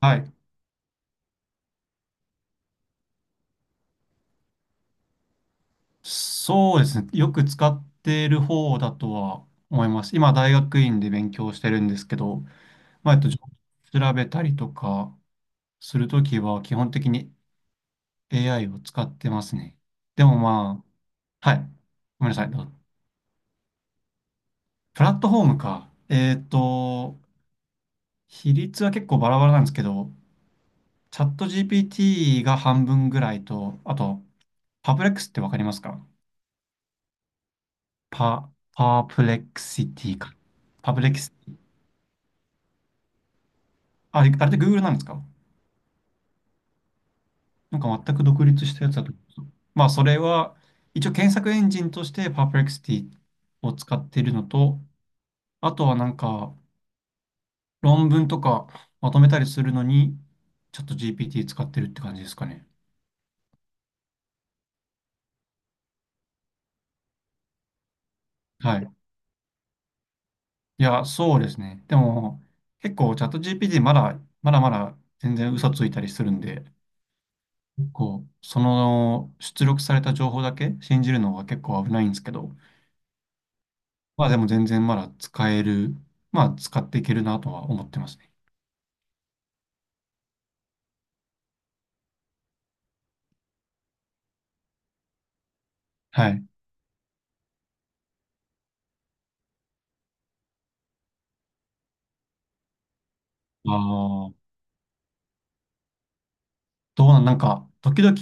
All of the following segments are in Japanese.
はい。そうですね。よく使っている方だとは思います。今、大学院で勉強してるんですけど、まあ、えっと、調べたりとかするときは、基本的に AI を使ってますね。でもまあ、はい。ごめんなさい。どうぞ。プラットフォームか。比率は結構バラバラなんですけど、チャット GPT が半分ぐらいと、あと、パブレックスってわかりますか？パープレックシティか。パブレックス、あれで Google なんですか？なんか全く独立したやつだと思うんですよ。まあ、それは、一応検索エンジンとして Perplexity を使っているのと、あとはなんか論文とかまとめたりするのに、ちょっと GPT 使ってるって感じですかね。はい。いや、そうですね。でも、結構チャット GPT まだまだ全然嘘ついたりするんで、こう、その出力された情報だけ信じるのは結構危ないんですけど、まあでも全然まだ使える、まあ使っていけるなとは思ってますね。はい。ああ、どうなん、なんか、時々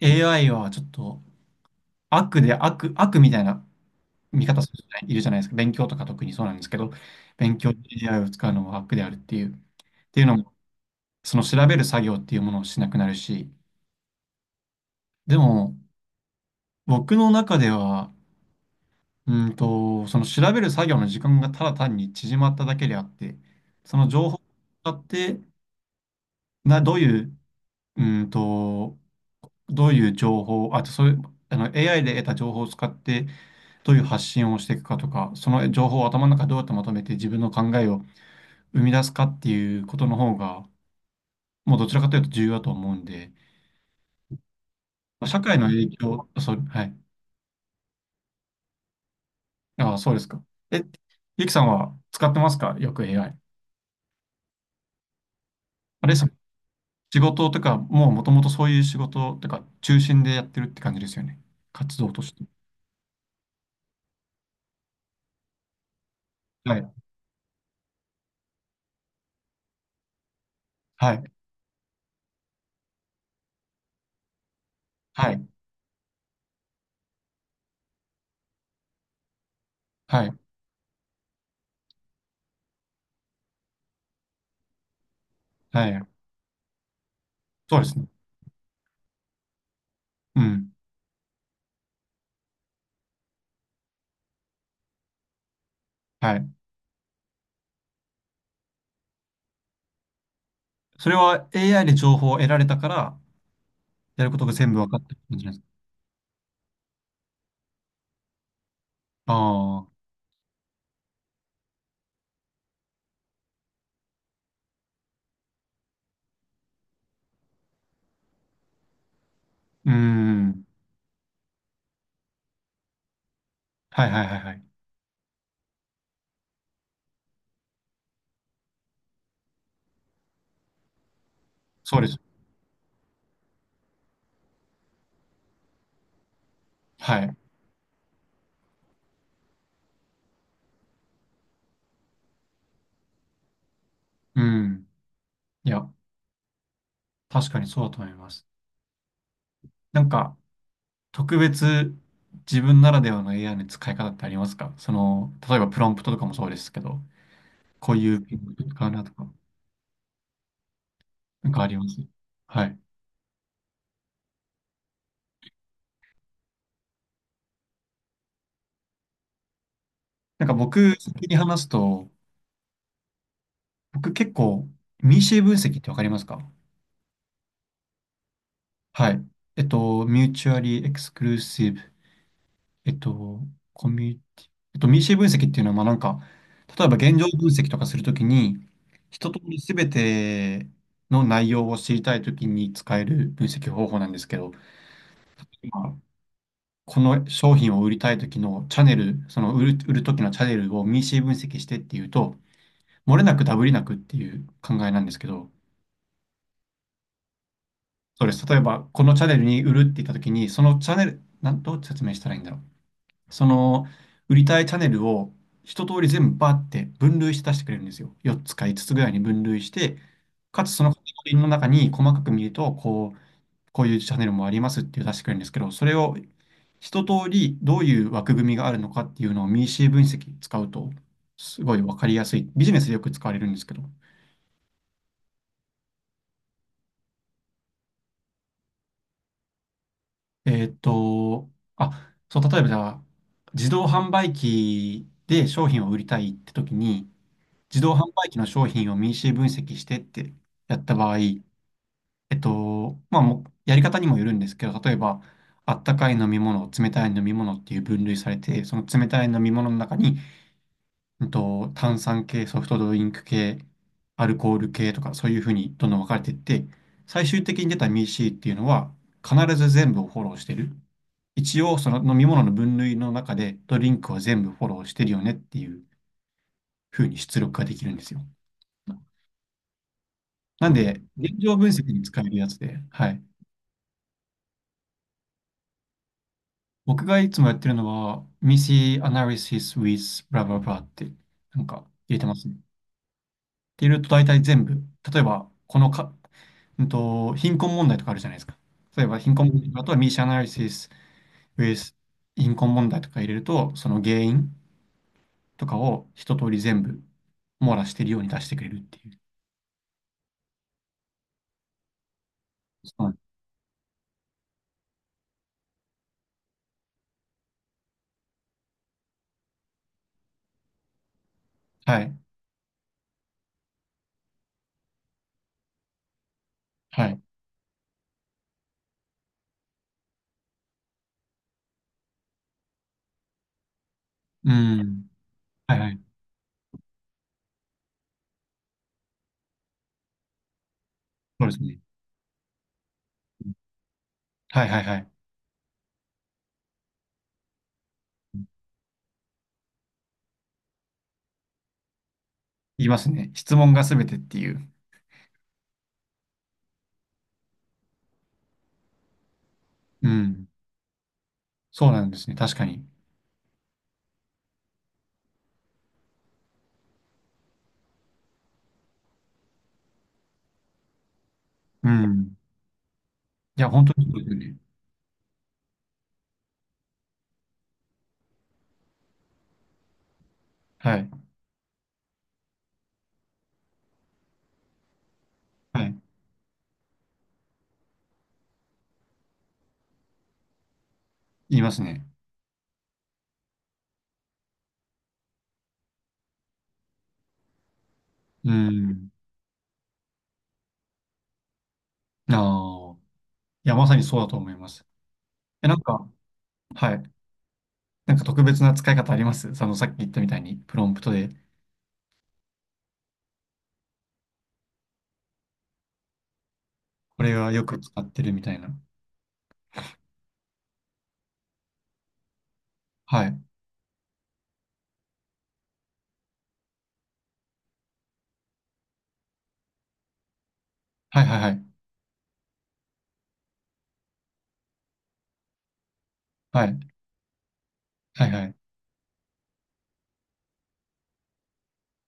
AI はちょっと悪で悪、悪みたいな見方する人いるじゃないですか。勉強とか特にそうなんですけど、勉強で AI を使うのは悪であるっていう、っていうのも、その調べる作業っていうものをしなくなるし、でも僕の中では、その調べる作業の時間がただ単に縮まっただけであって、その情報を使って、な、どういううーんと、どういう情報、あとそういう、あの AI で得た情報を使ってどういう発信をしていくかとか、その情報を頭の中でどうやってまとめて自分の考えを生み出すかっていうことの方が、もうどちらかというと重要だと思うんで、社会の影響、そう、はい。ああ、そうですか。え、ゆきさんは使ってますかよく AI。あれですか？仕事とか、もともとそういう仕事とか、中心でやってるって感じですよね。活動として。はい。はい。はい。はい。はい。そうですね。うん。はい。それは AI で情報を得られたから、やることが全部分かった感じなんですか？ああー、うーん。はいはいはいはい。そうです。はい。うん。いや、確かにそうだと思います。なんか、特別自分ならではの AI の使い方ってありますか？その、例えばプロンプトとかもそうですけど、こういうピンク使うなとか、なんかあります？はい。なんか僕、先に話すと、僕結構、ミーシェ分析ってわかりますか？はい。ミューチュアリーエクスクルーシブ、えっと、コミュニティ、ミーシー分析っていうのは、まあなんか、例えば現状分析とかするときに、一通りすべての内容を知りたいときに使える分析方法なんですけど、今この商品を売りたいときのチャンネル、売るときのチャンネルをミーシー分析してっていうと、漏れなくダブりなくっていう考えなんですけど、そうです。例えば、このチャンネルに売るって言ったときに、そのチャンネル、どう説明したらいいんだろう。その売りたいチャンネルを一通り全部バーって分類して出してくれるんですよ。4つか5つぐらいに分類して、かつそのカテゴリーの中に細かく見ると、こう、こういうチャンネルもありますっていう出してくれるんですけど、それを一通りどういう枠組みがあるのかっていうのを m シー分析使うと、すごいわかりやすい。ビジネスでよく使われるんですけど。えーっと、あ、そう、例えばじゃあ、自動販売機で商品を売りたいって時に、自動販売機の商品を民主分析してってやった場合、まあ、もうやり方にもよるんですけど、例えば、あったかい飲み物、冷たい飲み物っていう分類されて、その冷たい飲み物の中に、炭酸系、ソフトドリンク系、アルコール系とか、そういうふうにどんどん分かれていって、最終的に出た MEC っていうのは、必ず全部をフォローしてる。一応、その飲み物の分類の中で、ドリンクは全部フォローしてるよねっていうふうに出力ができるんですよ。なんで、現状分析に使えるやつで、はい。僕がいつもやってるのは、ミシ s i Analysis with blah blah blah って、なんか入れてますね。って入れると大体全部、例えば、このか、貧困問題とかあるじゃないですか。例えば、貧困問題、あとはミ i s i Analysis with 貧困問題とか入れると、その原因とかを一通り全部網羅してるように出してくれるっていう。そうなんはい。はい。うん。はいはい。そうですね。はいはいはい。言いますね。質問がすべてっていう。うん。そうなんですね。確かに。うん。いや、本当にそうですよね。はい。はい。言いますね。うん。ああ。いや、まさにそうだと思います。え、なんか、はい。なんか特別な使い方あります？その、さっき言ったみたいに、プロンプトで、これはよく使ってるみたいな。はい。はいはいはい。はい。はいはい。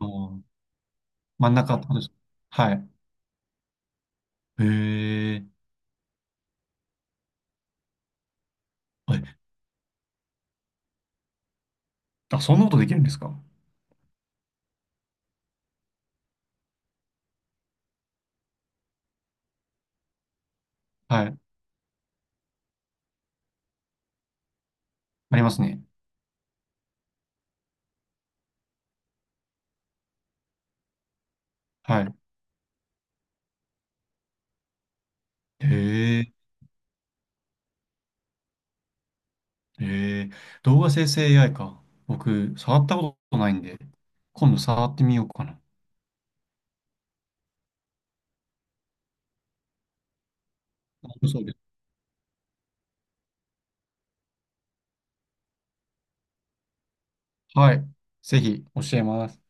おー、真ん中ってことです。はい。へえ。あ、あ、そんなことできるんですか？はい。ありますね。はい。へえ。ええ、動画生成 AI か。僕、触ったことないんで、今度触ってみようかな。そうです。はい。ぜひ、教えます。